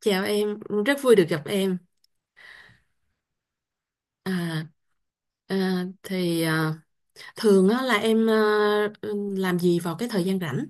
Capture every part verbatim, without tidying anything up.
Chào em, rất vui được gặp em. À, à, thì à, thường á, là em à, làm gì vào cái thời gian rảnh?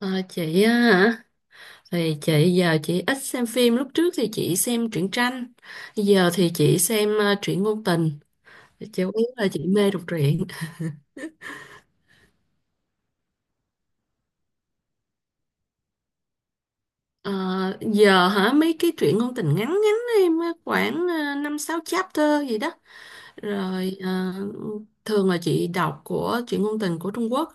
À, chị á hả? Thì chị giờ chị ít xem phim. Lúc trước thì chị xem truyện tranh, giờ thì chị xem à, truyện ngôn tình. Chủ yếu là chị mê đọc truyện. À, giờ hả? Mấy cái truyện ngôn tình ngắn ngắn em á, khoảng à, năm sáu chapter gì đó. Rồi à, thường là chị đọc của truyện ngôn tình của Trung Quốc.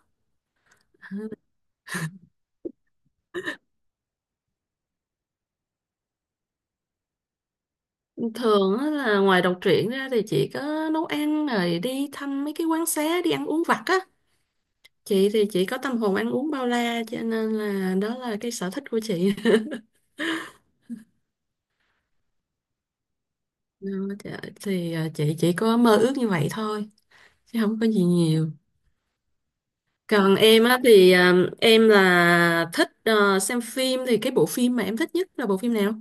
Thường á là ngoài đọc truyện ra thì chị có nấu ăn rồi đi thăm mấy cái quán xá, đi ăn uống vặt á. Chị thì chị có tâm hồn ăn uống bao la, cho nên là đó là cái sở thích của chị. Đó, thì thì, à, chị chỉ có mơ ước như vậy thôi chứ không có gì nhiều. Còn em á thì à, em là thích à, xem phim, thì cái bộ phim mà em thích nhất là bộ phim nào?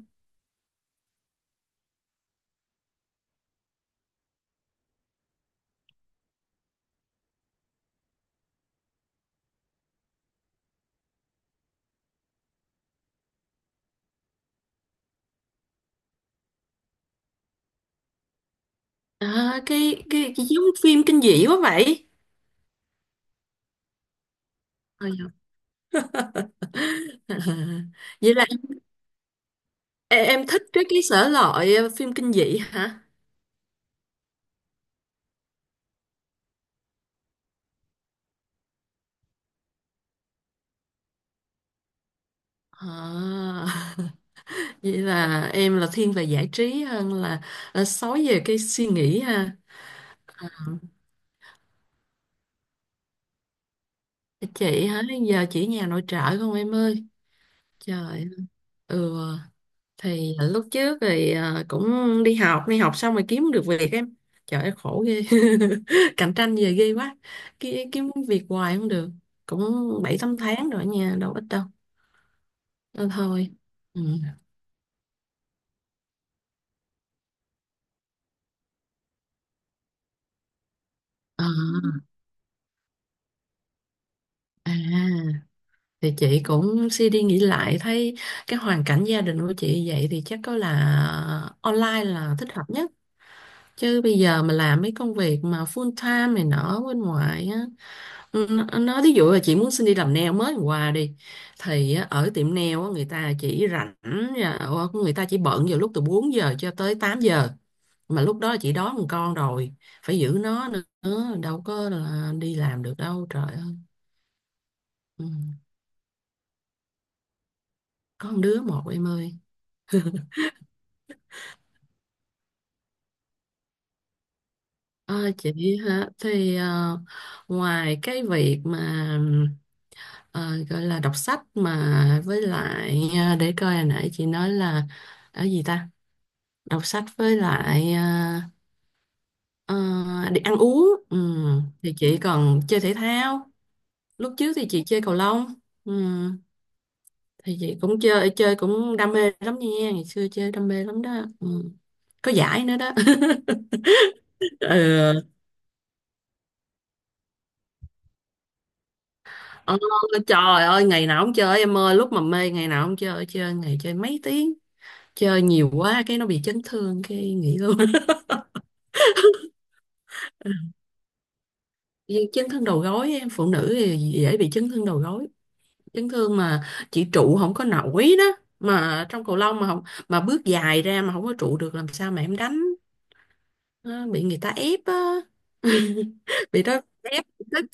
À, cái, cái cái giống phim kinh dị quá vậy. Ờ, dạ. Vậy là Em, em thích cái cái sở loại ờ, phim kinh dị hả? À, vậy là em là thiên về giải trí hơn là ờ, sói về cái suy nghĩ ha. À, chị hả? Giờ chỉ nhà nội trợ không em ơi? Trời ơi. Ừ, thì lúc trước thì ờ, cũng đi học, đi học xong rồi kiếm được việc em. Trời ơi khổ ghê. Cạnh tranh về ghê quá. Ki- Kiếm việc hoài không được. Cũng bảy tám tháng rồi nha, đâu ít đâu. Nên thôi. Ừ. À, à. thì chị cũng suy đi nghĩ lại, thấy cái hoàn cảnh gia đình của chị vậy thì chắc có là online là thích hợp nhất. Chứ bây giờ mà làm mấy công việc mà full time này nọ bên ngoài á, nó nó- ví dụ là chị muốn xin đi làm nail mới hôm qua đi, thì á, ở tiệm nail á, người ta chỉ rảnh ờ, người ta chỉ bận vào lúc từ bốn giờ cho tới tám giờ, mà lúc đó chị đón một con rồi, phải giữ nó nữa, đâu có là đi làm được đâu trời ơi. Ừ. Có một đứa một em ơi. Ờ, chị hả? Thì ờ, ngoài cái việc mà ờ, gọi là đọc sách, mà với lại ờ, để coi hồi nãy chị nói là ở gì ta, đọc sách với lại ờ, ờ, đi ăn uống, ừ. Thì chị còn chơi thể thao, lúc trước thì chị chơi cầu lông. Ừ. Thì chị cũng chơi, chơi cũng đam mê lắm nha, ngày xưa chơi đam mê lắm đó. Ừ. Có giải nữa đó. Ừ. Ờ, trời ơi ngày nào không chơi em ơi, lúc mà mê ngày nào không chơi, chơi ngày chơi mấy tiếng, chơi nhiều quá cái nó bị chấn thương cái nghỉ luôn. Vì chấn thương đầu gối em, phụ nữ thì dễ bị chấn thương đầu gối, chấn thương mà chỉ trụ không có nổi đó, mà trong cầu lông mà không, mà bước dài ra mà không có trụ được, làm sao mà em đánh. Ờ, bị người ta ép á, bị đó ép tức.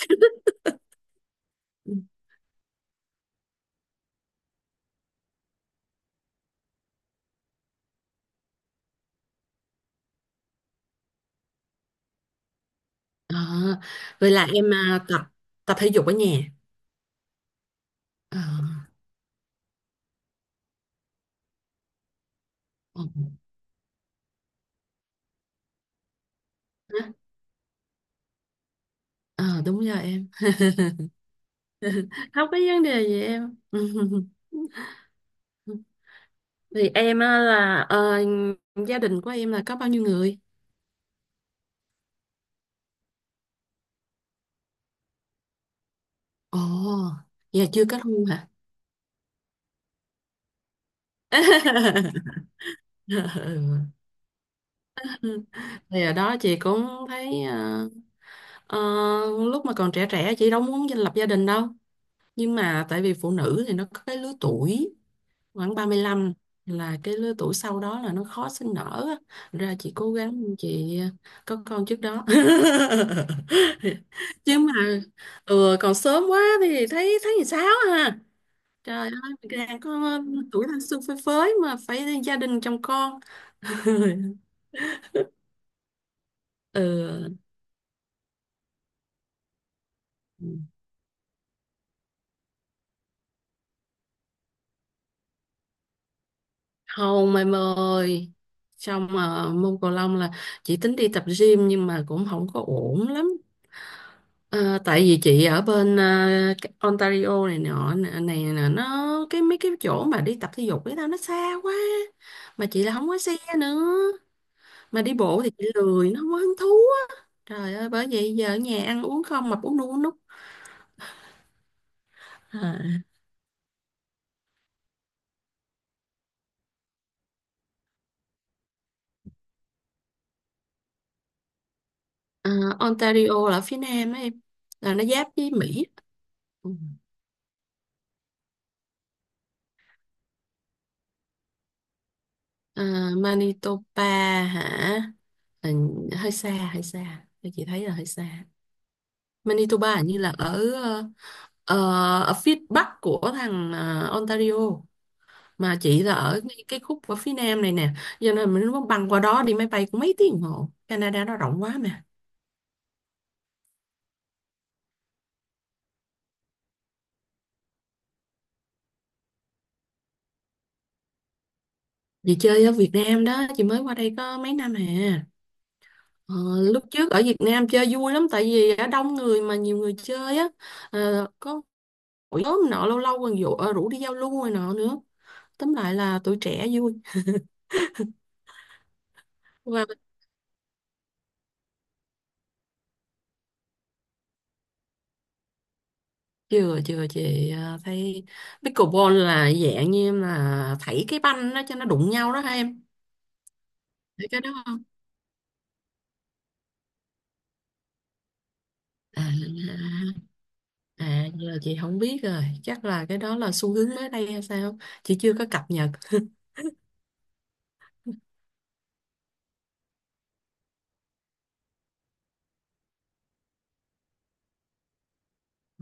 Ờ, vậy là em à, tập tập thể dục ở nhà. Ờ, ờ, hả? Ờ, đúng rồi em. Không có vấn đề gì em. Thì em á là ờ, gia đình của em là có bao nhiêu người? Ồ, giờ chưa kết hôn hả? Ừ. Thì ở đó chị cũng thấy ờ, ờ, lúc mà còn trẻ trẻ chị đâu muốn lập gia đình đâu, nhưng mà tại vì phụ nữ thì nó có cái lứa tuổi, khoảng ba mươi lăm là cái lứa tuổi sau đó là nó khó sinh nở á. Ra chị cố gắng chị à, có con trước đó. Chứ mà ừ, còn sớm quá thì thấy, thấy làm sao ha. Trời ơi, đang có tuổi thanh xuân phơi phới mà phải gia đình chồng con. Ừ. Hồng em ơi, xong mà môn cầu lông là chị tính đi tập gym, nhưng mà cũng không có ổn lắm. Ờ, tại vì chị ở bên ờ, cái Ontario này nọ này, này nè, nó cái mấy cái chỗ mà đi tập thể dục với tao nó xa quá, mà chị là không có xe nữa. Mà đi bộ thì chị lười, nó không có hứng thú á. Trời ơi, bởi vậy giờ ở nhà ăn uống không, mập, uống nu uống núc à. Ờ, Ontario là ở phía nam á em, là nó giáp với Mỹ. Ừ. Ờ, Manitoba hả? Ừ, hơi xa, hơi xa. Thì chị thấy là hơi xa. Manitoba hình như là ở ờ, ờ, ở phía bắc của thằng ờ, Ontario, mà chị là ở ngay cái khúc ở phía nam này nè, cho nên mình muốn băng qua đó đi máy bay cũng mấy tiếng đồng hồ, Canada nó rộng quá mà. Chị chơi ở Việt Nam đó, chị mới qua đây có mấy năm hè. Ờ, lúc trước ở Việt Nam chơi vui lắm, tại vì ở đông người mà nhiều người chơi á. Ờ, có hội nhóm nọ lâu lâu còn dụ, ờ, rủ đi giao lưu rồi nọ nữa, tóm lại là tuổi trẻ vui. Chưa chưa, chị à, thấy pickleball là dạng như em là thảy cái banh đó cho nó đụng nhau đó hả em? Thấy cái đó không? À, à, à giờ chị không biết rồi, chắc là cái đó là xu hướng mới đây hay sao, chị chưa có cập nhật.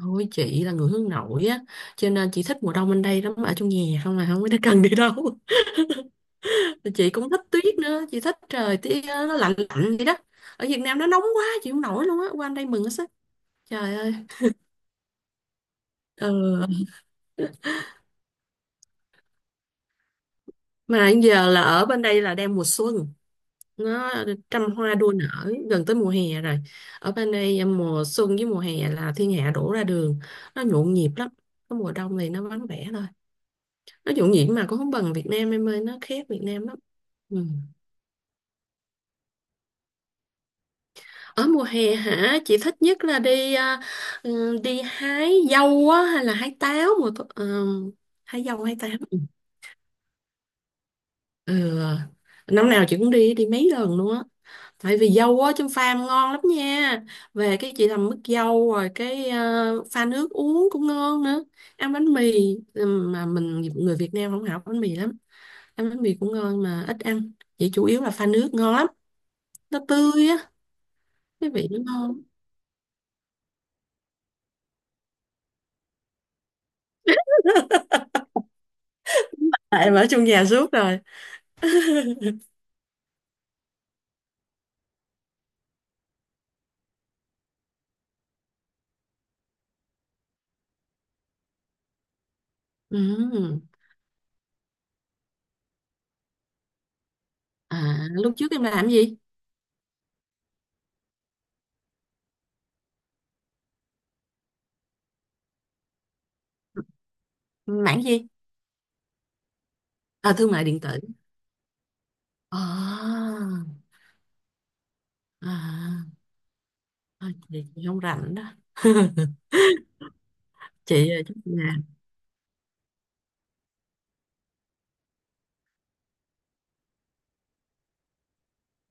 Thôi chị là người hướng nội á, cho nên chị thích mùa đông bên đây lắm, ở trong nhà không là không có cần đi đâu. Chị cũng thích tuyết nữa, chị thích trời tiết nó lạnh lạnh vậy đó. Ở Việt Nam nó nóng quá chị không nổi luôn á, qua bên đây mừng hết sức, trời ơi. Ừ. Mà giờ là ở bên đây là đang mùa xuân, nó trăm hoa đua nở, gần tới mùa hè rồi. Ở bên đây mùa xuân với mùa hè là thiên hạ đổ ra đường, nó nhộn nhịp lắm. Cái mùa đông thì nó vắng vẻ thôi. Nó nhộn nhịp mà cũng không bằng Việt Nam em ơi, nó khác Việt Nam lắm. Ừ. Ở mùa hè hả? Chị thích nhất là đi à, ừ, đi hái dâu á, hay là hái táo. Mùa thu- ờ, hái dâu, hái táo. Ừ. Ừ. Năm nào chị cũng đi đi mấy lần luôn á. Tại vì dâu á trong pha ngon lắm nha. Về cái chị làm mứt dâu, rồi cái ờ, pha nước uống cũng ngon nữa. Ăn bánh mì, ừm, mà mình người Việt Nam không học bánh mì lắm. Ăn bánh mì cũng ngon mà ít ăn. Vậy chủ yếu là pha nước ngon lắm. Nó tươi á, cái vị nó ngon. Tại em ở trong nhà suốt rồi. Ừm. À, lúc trước em làm gì? Mảng gì? À, thương mại điện tử. À, à, à, chị chị không rảnh đó. Chị ờ, chắc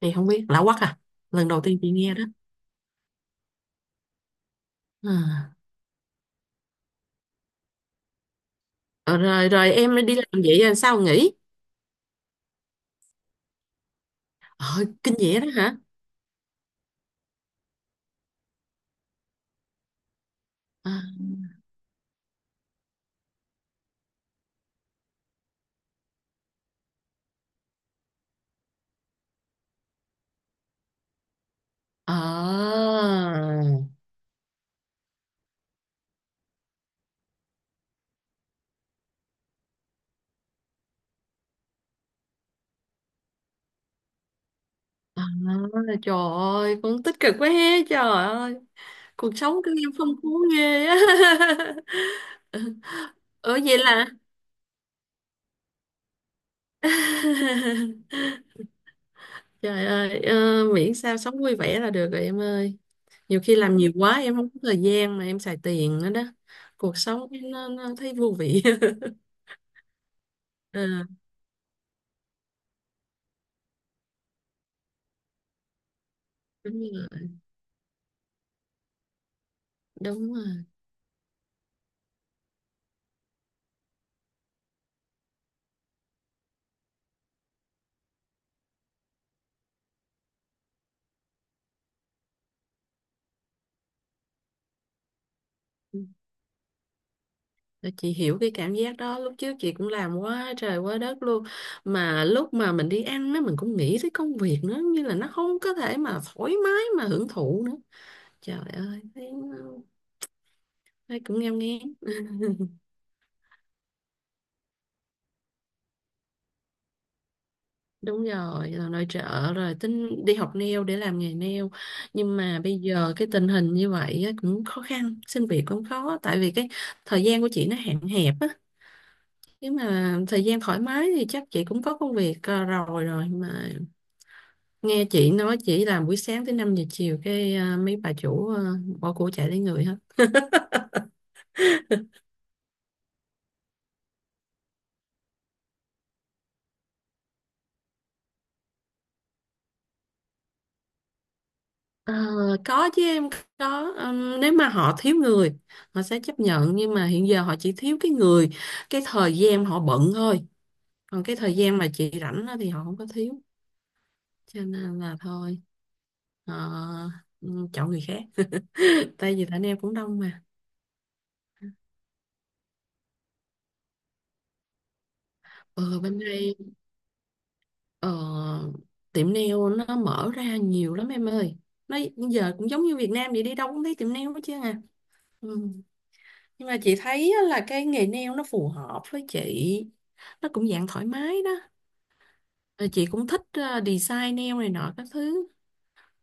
thì không biết, lạ quắc à, lần đầu tiên chị nghe đó à. ờ, Rồi rồi em đi làm vậy rồi sao nghỉ? ờ, Kinh dị đó hả? à, à, à, Trời ơi, cũng tích cực quá he, trời ơi. Cuộc sống của em phong phú ghê á. ờ Vậy là trời ơi, ờ, miễn sao sống vui vẻ là được rồi em ơi. Nhiều khi làm nhiều quá em không có thời gian mà em xài tiền nữa đó, cuộc sống nó, nó thấy vô vị. À, đúng rồi, đúng rồi. Ừ, chị hiểu cái cảm giác đó, lúc trước chị cũng làm quá trời quá đất luôn, mà lúc mà mình đi ăn á mình cũng nghĩ tới công việc nữa, như là nó không có thể mà thoải mái mà hưởng thụ nữa. Trời ơi thấy, thấy cũng nghèo nghén. Đúng rồi, là nội trợ rồi tính đi học nail để làm nghề nail, nhưng mà bây giờ cái tình hình như vậy á, cũng khó khăn, xin việc cũng khó, tại vì cái thời gian của chị nó hạn hẹp á. Nếu mà thời gian thoải mái thì chắc chị cũng có công việc ờ, rồi, rồi mà nghe chị nói chị làm buổi sáng tới năm giờ chiều cái ờ, mấy bà chủ ờ, bỏ của chạy lấy người hết. Ờ, có chứ em, có. Ừm, nếu mà họ thiếu người họ sẽ chấp nhận, nhưng mà hiện giờ họ chỉ thiếu cái người cái thời gian họ bận thôi, còn cái thời gian mà chị rảnh á thì họ không có thiếu, cho nên là thôi, ờ, ừm, chọn người khác. Tại vì thằng em cũng đông mà. Ừ, bên đây. Ờ, tiệm nail nó mở ra nhiều lắm em ơi, nó giờ cũng giống như Việt Nam vậy, đi đâu cũng thấy tiệm nail hết chứ à. Ừ. Nhưng mà chị thấy á là cái nghề nail nó phù hợp với chị, nó cũng dạng thoải mái đó. Ờ, chị cũng thích ờ, design nail này nọ các thứ,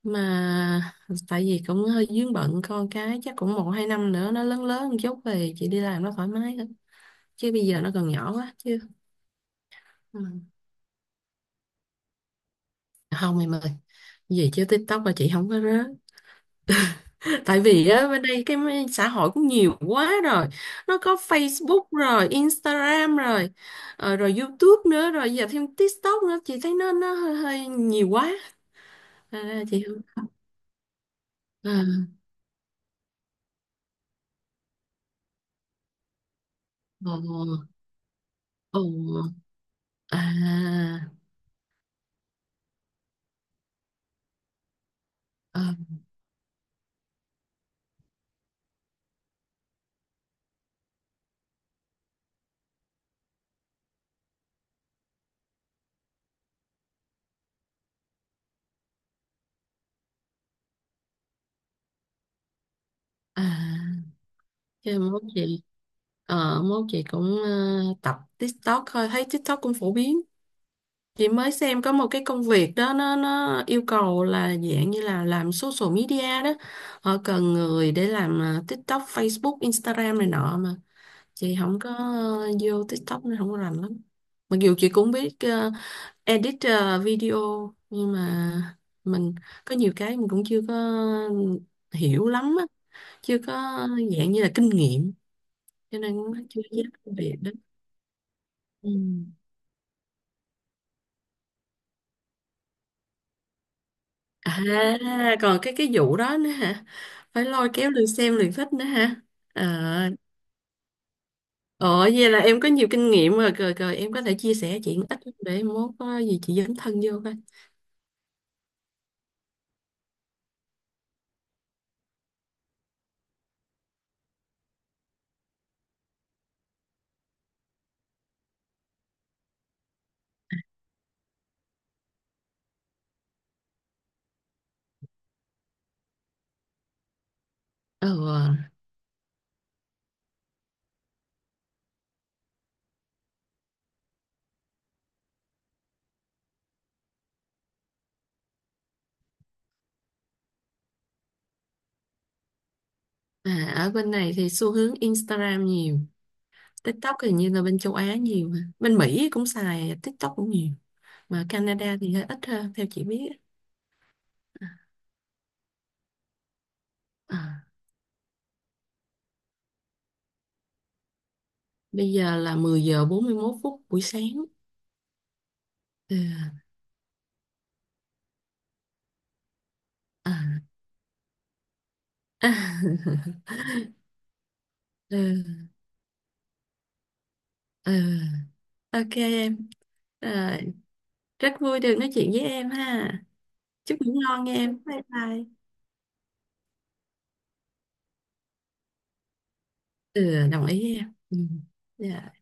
mà tại vì cũng hơi vướng bận con cái, chắc cũng một hai năm nữa nó lớn lớn một chút về chị đi làm nó thoải mái hơn, chứ bây giờ nó còn nhỏ quá chứ. Ừ. Không em ơi, về chứ TikTok là chị không có rớ. Tại vì á, bên đây cái m- xã hội cũng nhiều quá rồi. Nó có Facebook rồi, Instagram rồi, ờ, rồi YouTube nữa, rồi giờ thêm TikTok nữa. Chị thấy nó nó hơi, hơi nhiều quá. À, chị không... À, ồ, ồ, à, ờ, à. Chứ mốt chị, ờ, Mốt chị cũng ờ, tập TikTok thôi. Thấy TikTok cũng phổ biến. Chị mới xem có một cái công việc đó, nó nó yêu cầu là dạng như là làm social media đó. Họ cần người để làm à, TikTok, Facebook, Instagram này nọ, mà chị không có ờ, vô TikTok nên không có rành lắm. Mặc dù chị cũng biết ờ, edit ờ, video, nhưng mà mình có nhiều cái mình cũng chưa có hiểu lắm á, chưa có dạng như là kinh nghiệm, cho nên cũng chưa dám làm việc đó. Ừ. À, còn cái cái vụ đó nữa hả? Phải lôi kéo lượt xem lượt thích nữa hả? À, ờ, vậy là em có nhiều kinh nghiệm rồi, rồi, rồi em có thể chia sẻ chị một ít, để mốt có gì chị dấn thân vô coi. Ờ, à, Ở bên này thì xu hướng Instagram nhiều, TikTok thì như là bên châu Á nhiều, mà bên Mỹ cũng xài TikTok cũng nhiều, mà Canada thì hơi ít hơn theo chị biết. À, bây giờ là mười giờ bốn mươi mốt phút buổi sáng. Ừ, à. Ừ, ừ. Ok em, rồi. Rất vui được nói chuyện với em ha. Chúc ngủ ngon nha em. Bye bye. Ừ, đồng ý em. Ừ. Dạ.